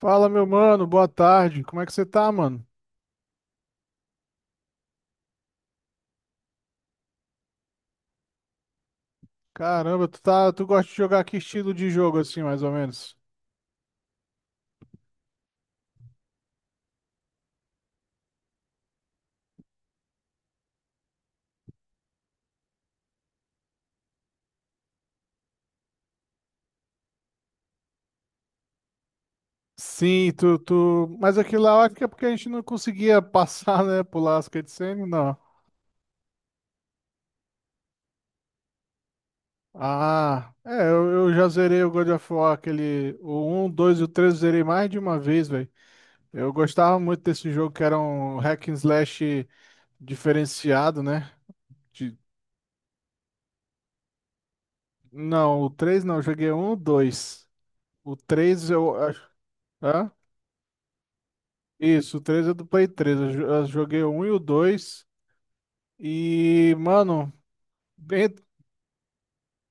Fala, meu mano, boa tarde. Como é que você tá, mano? Caramba, tu gosta de jogar que estilo de jogo assim, mais ou menos? Sim, mas aquilo lá eu acho que é porque a gente não conseguia passar, né, pular as cutscenes, não. Ah, é, eu já zerei o God of War, aquele, o um, 2 e o 3 eu zerei mais de uma vez, velho. Eu gostava muito desse jogo que era um hack and slash diferenciado, né? De- não, o 3 não, eu joguei um, 2. O 3 eu acho. Hã? Isso, o 3 é do Play 3. Eu joguei o 1 e o dois. E, mano, bem.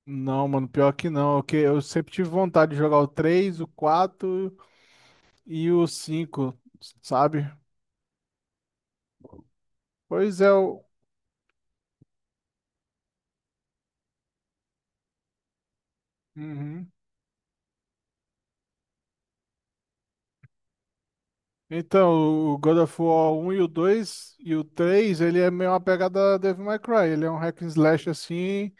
Não, mano, pior que não, que eu sempre tive vontade de jogar o 3, o 4 e o 5, sabe? Pois é, o. Uhum. Então, o God of War um e o 2 e o 3, ele é meio uma pegada Devil May Cry. Ele é um hack and slash assim.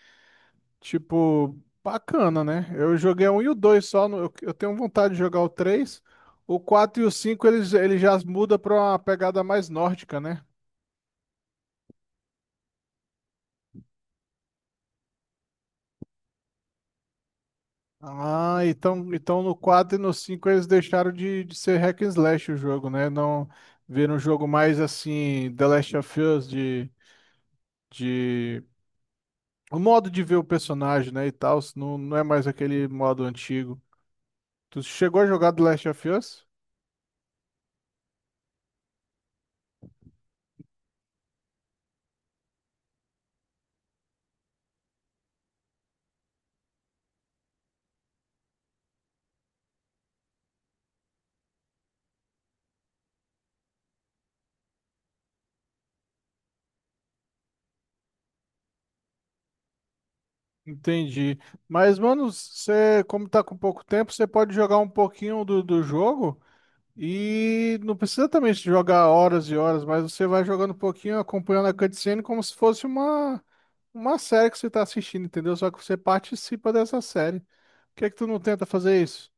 Tipo, bacana, né? Eu joguei um e o dois só. Eu tenho vontade de jogar o três. O quatro e o cinco eles, ele já muda pra uma pegada mais nórdica, né? Ah, então, então no 4 e no 5 eles deixaram de ser hack and slash o jogo, né? Não viram um jogo mais assim, The Last of Us. De... O modo de ver o personagem, né, e tal, não, não é mais aquele modo antigo. Tu chegou a jogar The Last of Us? Entendi. Mas, mano, você, como tá com pouco tempo, você pode jogar um pouquinho do jogo e não precisa também jogar horas e horas, mas você vai jogando um pouquinho, acompanhando a cutscene como se fosse uma série que você tá assistindo, entendeu? Só que você participa dessa série. Por que que tu não tenta fazer isso?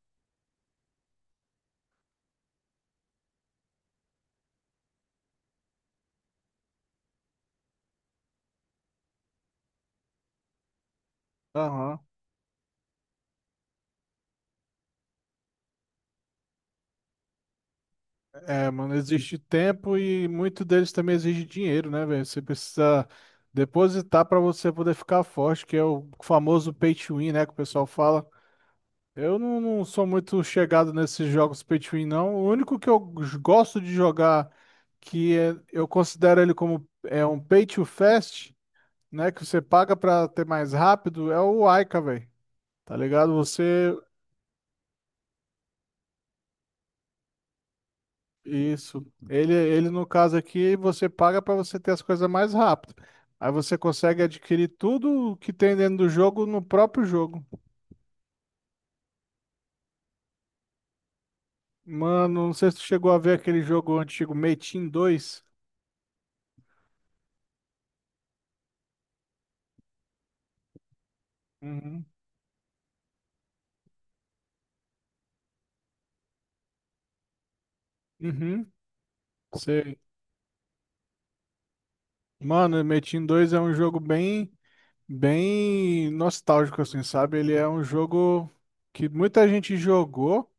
Aham. É, mano, existe tempo e muito deles também exige dinheiro, né, velho? Você precisa depositar pra você poder ficar forte, que é o famoso pay to win, né, que o pessoal fala. Eu não sou muito chegado nesses jogos pay to win, não. O único que eu gosto de jogar, eu considero ele como é um pay to fast, né? Que você paga pra ter mais rápido, é o Aika, velho. Tá ligado? Você. Isso. Ele, no caso aqui, você paga pra você ter as coisas mais rápido. Aí você consegue adquirir tudo que tem dentro do jogo no próprio jogo. Mano, não sei se tu chegou a ver aquele jogo antigo, Metin dois. Uhum. Uhum. Você Mano, Metin dois é um jogo bem, bem nostálgico, assim, sabe? Ele é um jogo que muita gente jogou,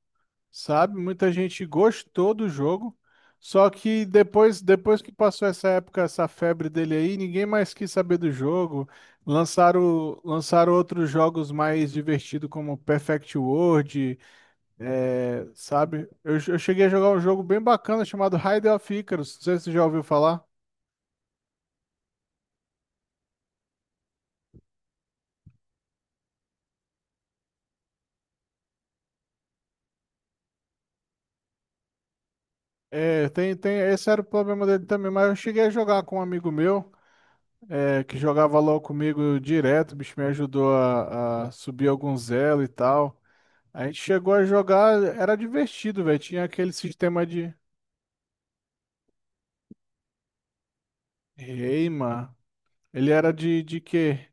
sabe? Muita gente gostou do jogo. Só que depois que passou essa época, essa febre dele aí, ninguém mais quis saber do jogo. Lançaram outros jogos mais divertidos, como Perfect World, é, sabe? Eu cheguei a jogar um jogo bem bacana chamado Raid of Icarus. Não sei se você já ouviu falar. É, tem, tem, esse era o problema dele também, mas eu cheguei a jogar com um amigo meu, é, que jogava LOL comigo direto, o bicho me ajudou a subir alguns elo e tal. A gente chegou a jogar, era divertido, velho, tinha aquele sistema de. Ei, mano, ele era de quê?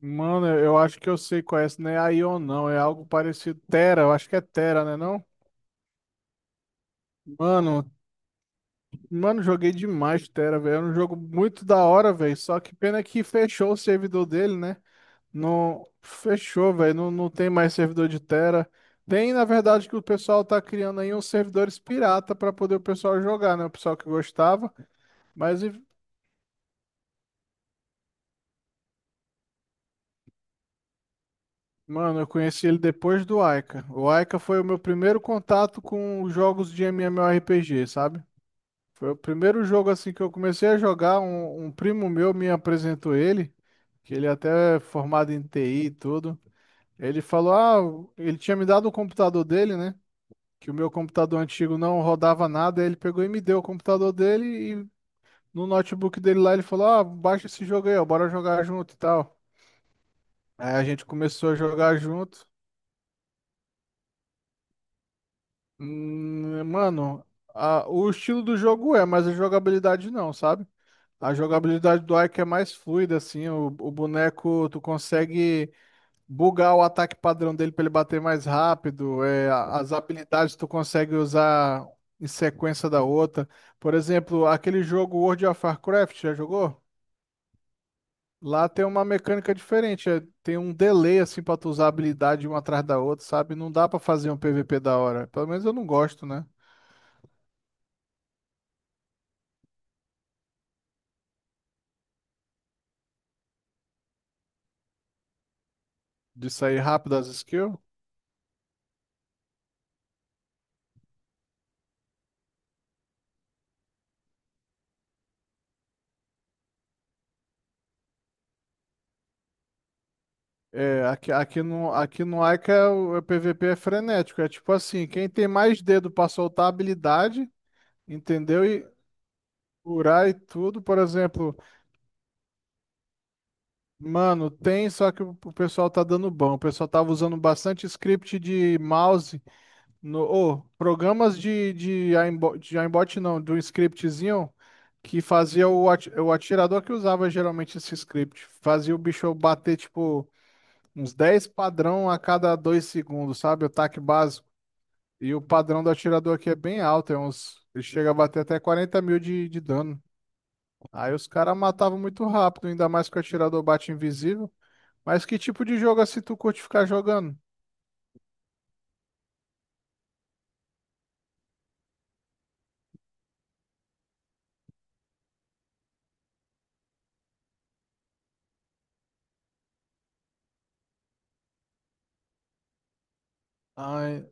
Mano, eu acho que eu sei qual é esse, não é Aion não, é algo parecido, Terra, eu acho que é Terra, né não? Mano, mano, joguei demais Terra, velho, era um jogo muito da hora, velho, só que pena que fechou o servidor dele, né? Não, fechou, velho. Não, não tem mais servidor de Terra. Tem, na verdade, que o pessoal tá criando aí uns servidores pirata pra poder o pessoal jogar, né? O pessoal que gostava. Mas, mano, eu conheci ele depois do Aika. O Aika foi o meu primeiro contato com jogos de MMORPG, sabe? Foi o primeiro jogo assim que eu comecei a jogar. Um primo meu me apresentou ele, que ele até é formado em TI e tudo. Ele falou, ah, ele tinha me dado o computador dele, né? Que o meu computador antigo não rodava nada, aí ele pegou e me deu o computador dele e no notebook dele lá ele falou: "Ah, baixa esse jogo aí, ó, bora jogar junto e tal". Aí a gente começou a jogar junto. Mano, o estilo do jogo é, mas a jogabilidade não, sabe? A jogabilidade do Ike é mais fluida, assim, o boneco tu consegue bugar o ataque padrão dele para ele bater mais rápido, é, as habilidades tu consegue usar em sequência da outra. Por exemplo, aquele jogo World of Warcraft, já jogou? Lá tem uma mecânica diferente, é, tem um delay assim para tu usar a habilidade uma atrás da outra, sabe? Não dá para fazer um PVP da hora. Pelo menos eu não gosto, né? De sair rápido as skills. É, aqui, aqui no Aika é o PVP é frenético. É tipo assim, quem tem mais dedo para soltar a habilidade, entendeu? Curar e tudo, por exemplo, mano, tem, só que o pessoal tá dando bom. O pessoal tava usando bastante script de mouse, no, ô, programas de aimbot, não, de um scriptzinho que fazia o, o atirador que usava geralmente esse script. Fazia o bicho bater, tipo, uns 10 padrão a cada 2 segundos, sabe? O taque básico. E o padrão do atirador aqui é bem alto, ele chega a bater até 40 mil de dano. Aí os caras matavam muito rápido, ainda mais que o atirador bate invisível. Mas que tipo de jogo assim tu curte ficar jogando? Ai,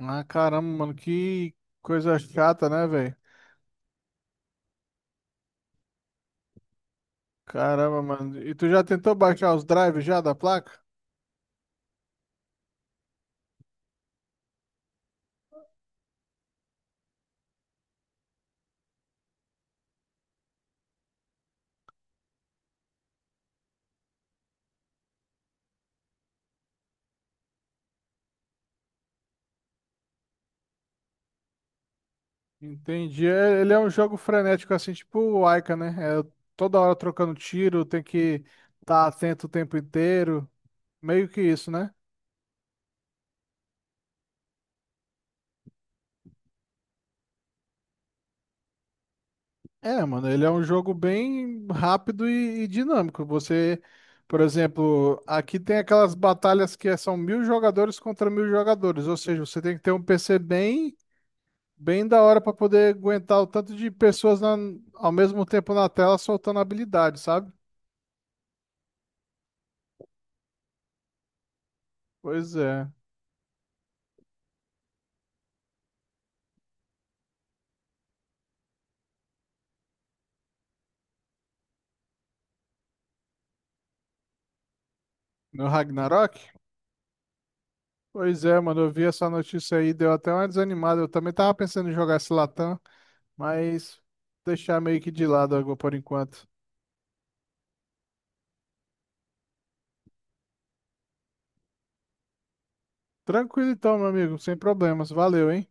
ah, caramba, mano, que coisa chata, né, velho? Caramba, mano. E tu já tentou baixar os drives já da placa? Entendi. Ele é um jogo frenético, assim, tipo o Aika, né? É toda hora trocando tiro, tem que estar atento o tempo inteiro. Meio que isso, né? É, mano, ele é um jogo bem rápido e dinâmico. Você, por exemplo, aqui tem aquelas batalhas que são mil jogadores contra mil jogadores, ou seja, você tem que ter um PC bem, bem da hora para poder aguentar o tanto de pessoas ao mesmo tempo na tela soltando habilidade, sabe? Pois é. No Ragnarok? Pois é, mano, eu vi essa notícia aí, deu até uma desanimada. Eu também tava pensando em jogar esse Latam, mas deixar meio que de lado agora por enquanto. Tranquilo então, meu amigo, sem problemas. Valeu, hein?